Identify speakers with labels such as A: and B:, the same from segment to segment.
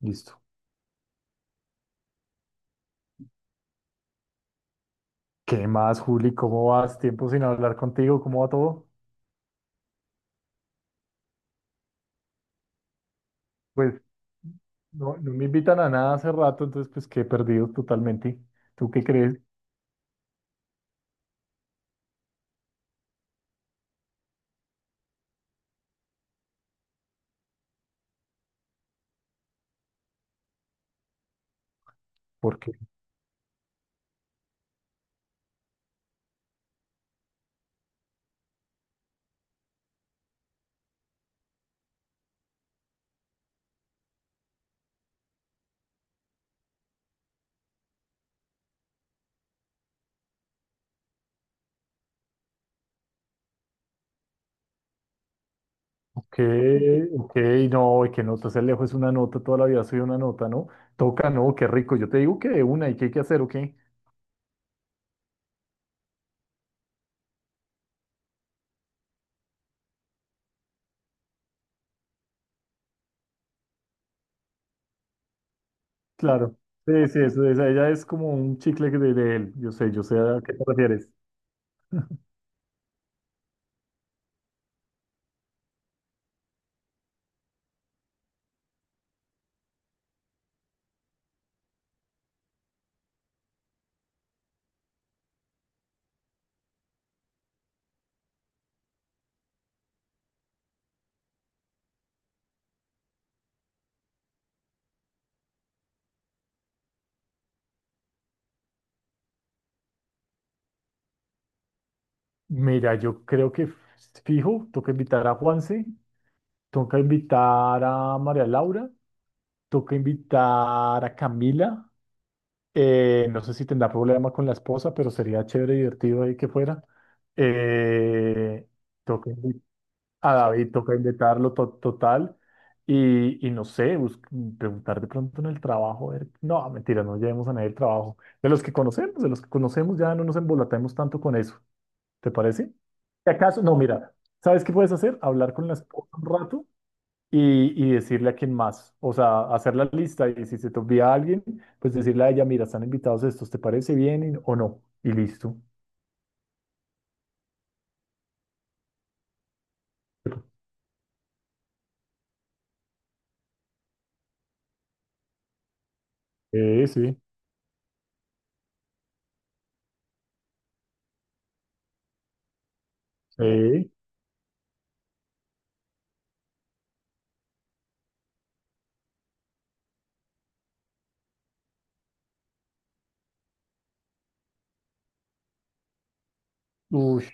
A: Listo. ¿Qué más, Juli? ¿Cómo vas? Tiempo sin hablar contigo, ¿cómo va todo? Pues no, no me invitan a nada hace rato, entonces pues quedé perdido totalmente. ¿Tú qué crees? ¿Por qué? Ok, ok, no, y que no, estás lejos es una nota, toda la vida soy una nota, ¿no? Toca, no, qué rico. Yo te digo que de una y qué hay que hacer, o qué. Claro. Sí, sí, eso, ella es como un chicle de él. Yo sé a qué te refieres. Mira, yo creo que fijo, toca invitar a Juanse, toca invitar a María Laura. Toca invitar a Camila. No sé si tendrá problema con la esposa, pero sería chévere y divertido ahí que fuera. Eh, toca invi- a David, toca invitarlo total. Y no sé, preguntar de pronto en el trabajo. No, mentira, no llevemos a nadie el trabajo. De los que conocemos, de los que conocemos, ya no nos embolatemos tanto con eso. ¿Te parece? ¿Y acaso? No, mira, ¿sabes qué puedes hacer? Hablar con la esposa un rato y decirle a quien más, o sea, hacer la lista y si se te olvida alguien, pues decirle a ella, mira, están invitados estos, ¿te parece bien o no? Y listo. Sí, sí, sí. Uy.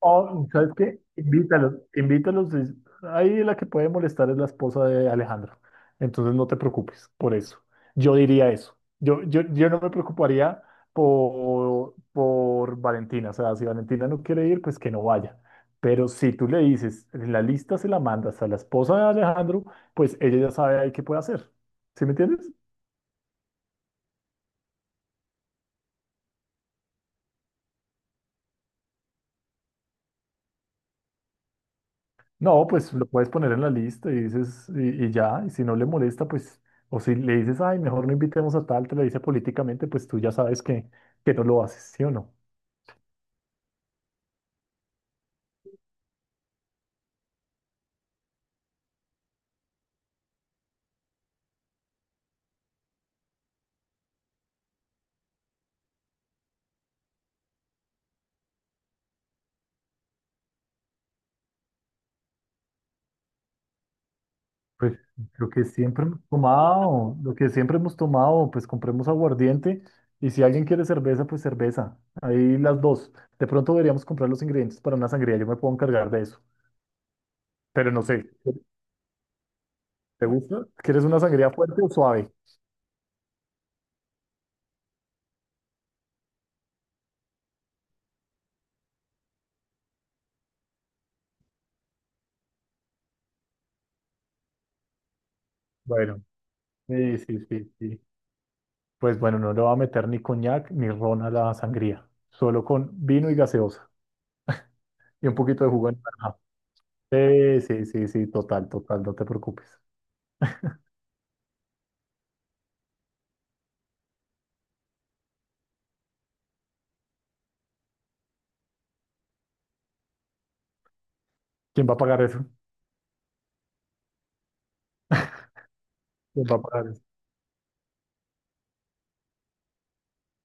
A: Oh, ¿sabes qué? Invítalos, invítalos. Ahí la que puede molestar es la esposa de Alejandro. Entonces no te preocupes por eso. Yo diría eso. Yo no me preocuparía por Valentina. O sea, si Valentina no quiere ir, pues que no vaya. Pero si tú le dices, en la lista se la mandas a la esposa de Alejandro, pues ella ya sabe ahí qué puede hacer. ¿Sí me entiendes? No, pues lo puedes poner en la lista y dices, y ya, y si no le molesta, pues, o si le dices, ay, mejor no invitemos a tal, te lo dice políticamente, pues tú ya sabes que no lo haces, ¿sí o no? Pues lo que siempre hemos tomado, lo que siempre hemos tomado, pues compremos aguardiente y si alguien quiere cerveza, pues cerveza. Ahí las dos. De pronto deberíamos comprar los ingredientes para una sangría, yo me puedo encargar de eso. Pero no sé, ¿te gusta? ¿Quieres una sangría fuerte o suave? Bueno. Sí, sí, sí, sí. Pues bueno, no le va a meter ni coñac ni ron a la sangría, solo con vino y gaseosa y un poquito de jugo de naranja. Sí, sí, sí, sí, total, total, no te preocupes. ¿Quién va a pagar eso? ¿Quién va a pagar eso?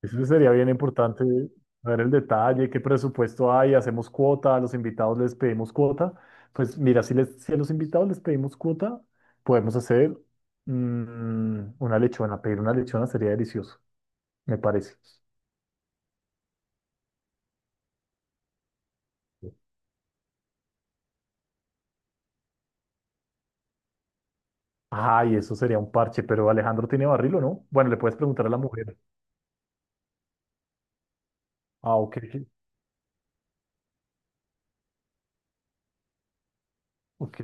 A: Eso sería bien importante ver el detalle, qué presupuesto hay, hacemos cuota, a los invitados les pedimos cuota. Pues mira, si a los invitados les pedimos cuota, podemos hacer pedir una lechona sería delicioso, me parece. Ay, eso sería un parche, pero ¿Alejandro tiene barril o no? Bueno, le puedes preguntar a la mujer. Ah, ok, ok.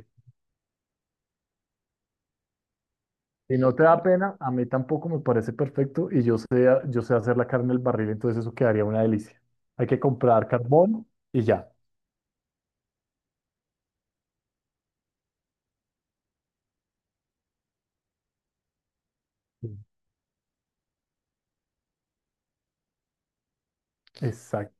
A: Si no te da pena, a mí tampoco me parece perfecto y yo sé hacer la carne en el barril, entonces eso quedaría una delicia. Hay que comprar carbón y ya. Sí. Exact,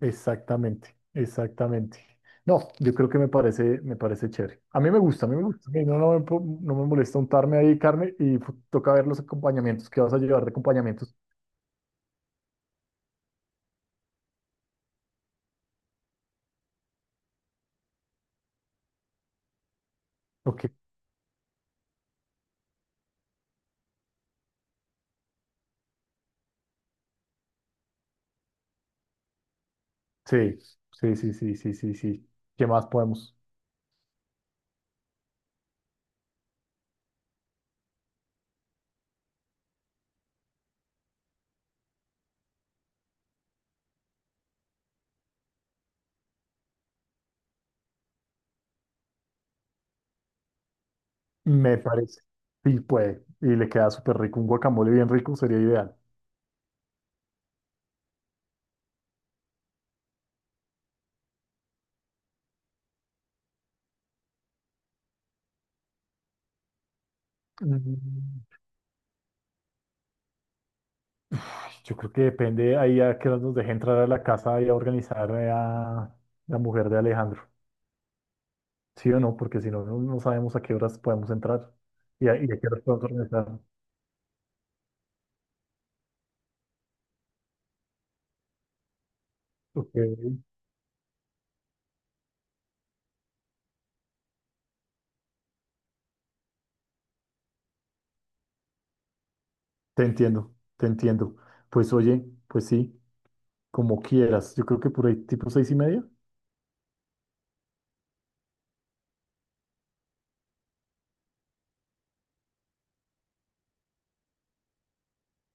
A: exactamente, exactamente. No, yo creo que me parece chévere. A mí me gusta, a mí me gusta. A mí no me molesta untarme ahí carne y toca ver los acompañamientos. ¿Qué vas a llevar de acompañamientos? Ok. Sí, sí, sí, sí, sí, sí, sí. ¿Qué más podemos? Me parece. Sí, puede. Y le queda súper rico. Un guacamole bien rico sería ideal. Mm, ay, yo creo que depende ahí a que nos deje entrar a la casa y a organizar a la mujer de Alejandro. ¿Sí o no? Porque si no, no sabemos a qué horas podemos entrar y a qué horas podemos organizar. Ok. Te entiendo, te entiendo. Pues oye, pues sí, como quieras. Yo creo que por ahí tipo 6:30.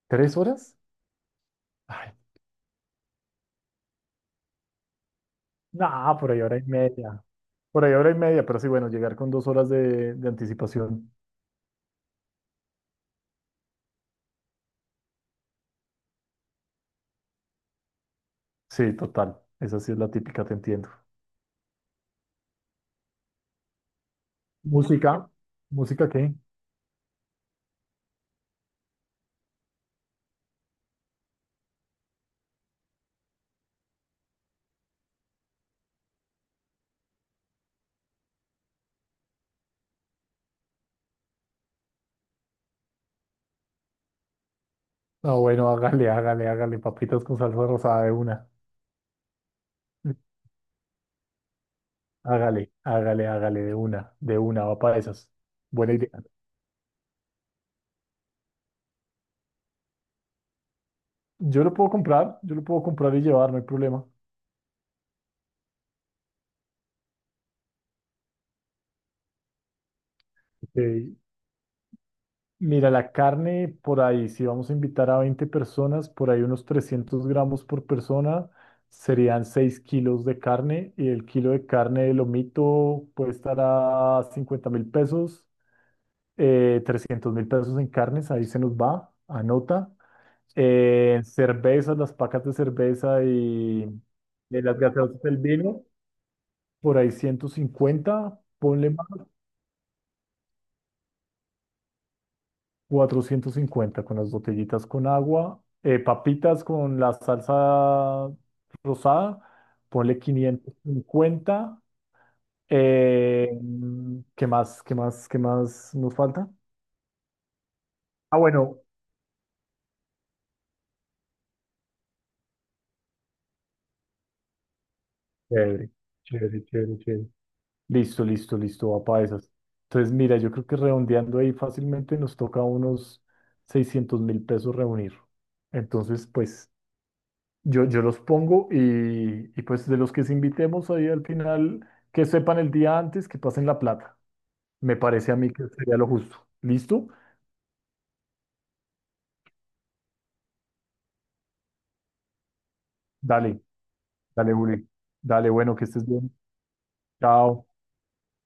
A: ¿3 horas? Ay. No, por ahí hora y media. Por ahí hora y media, pero sí, bueno, llegar con 2 horas de anticipación. Sí, total. Esa sí es la típica, te entiendo. ¿Música? ¿Música qué? No, bueno, hágale, hágale, hágale. Papitas con salsa rosada de una. Hágale, hágale, hágale de una, va para esas. Buena idea. Yo lo puedo comprar, yo lo puedo comprar y llevar, no hay problema. Ok. Mira, la carne por ahí, si vamos a invitar a 20 personas, por ahí unos 300 gramos por persona, serían 6 kilos de carne y el kilo de carne de lomito puede estar a 50.000 pesos, 300 mil pesos en carnes, ahí se nos va, anota. Cervezas, las pacas de cerveza y, de las gaseosas del vino, por ahí 150 ponle 450 con las botellitas con agua, papitas con la salsa rosada, ponle 550. eh, ¿qué más? ¿Qué más? ¿Qué más nos falta? Ah, bueno. Chévere, chévere, chévere, chévere. Listo, listo, listo, va para esas. Entonces, mira, yo creo que redondeando ahí fácilmente nos toca unos 600.000 pesos reunir. Entonces, pues, Yo los pongo y pues de los que se invitemos ahí al final, que sepan el día antes, que pasen la plata. Me parece a mí que sería lo justo. ¿Listo? Dale, dale, Juli. Dale, bueno, que estés bien. Chao.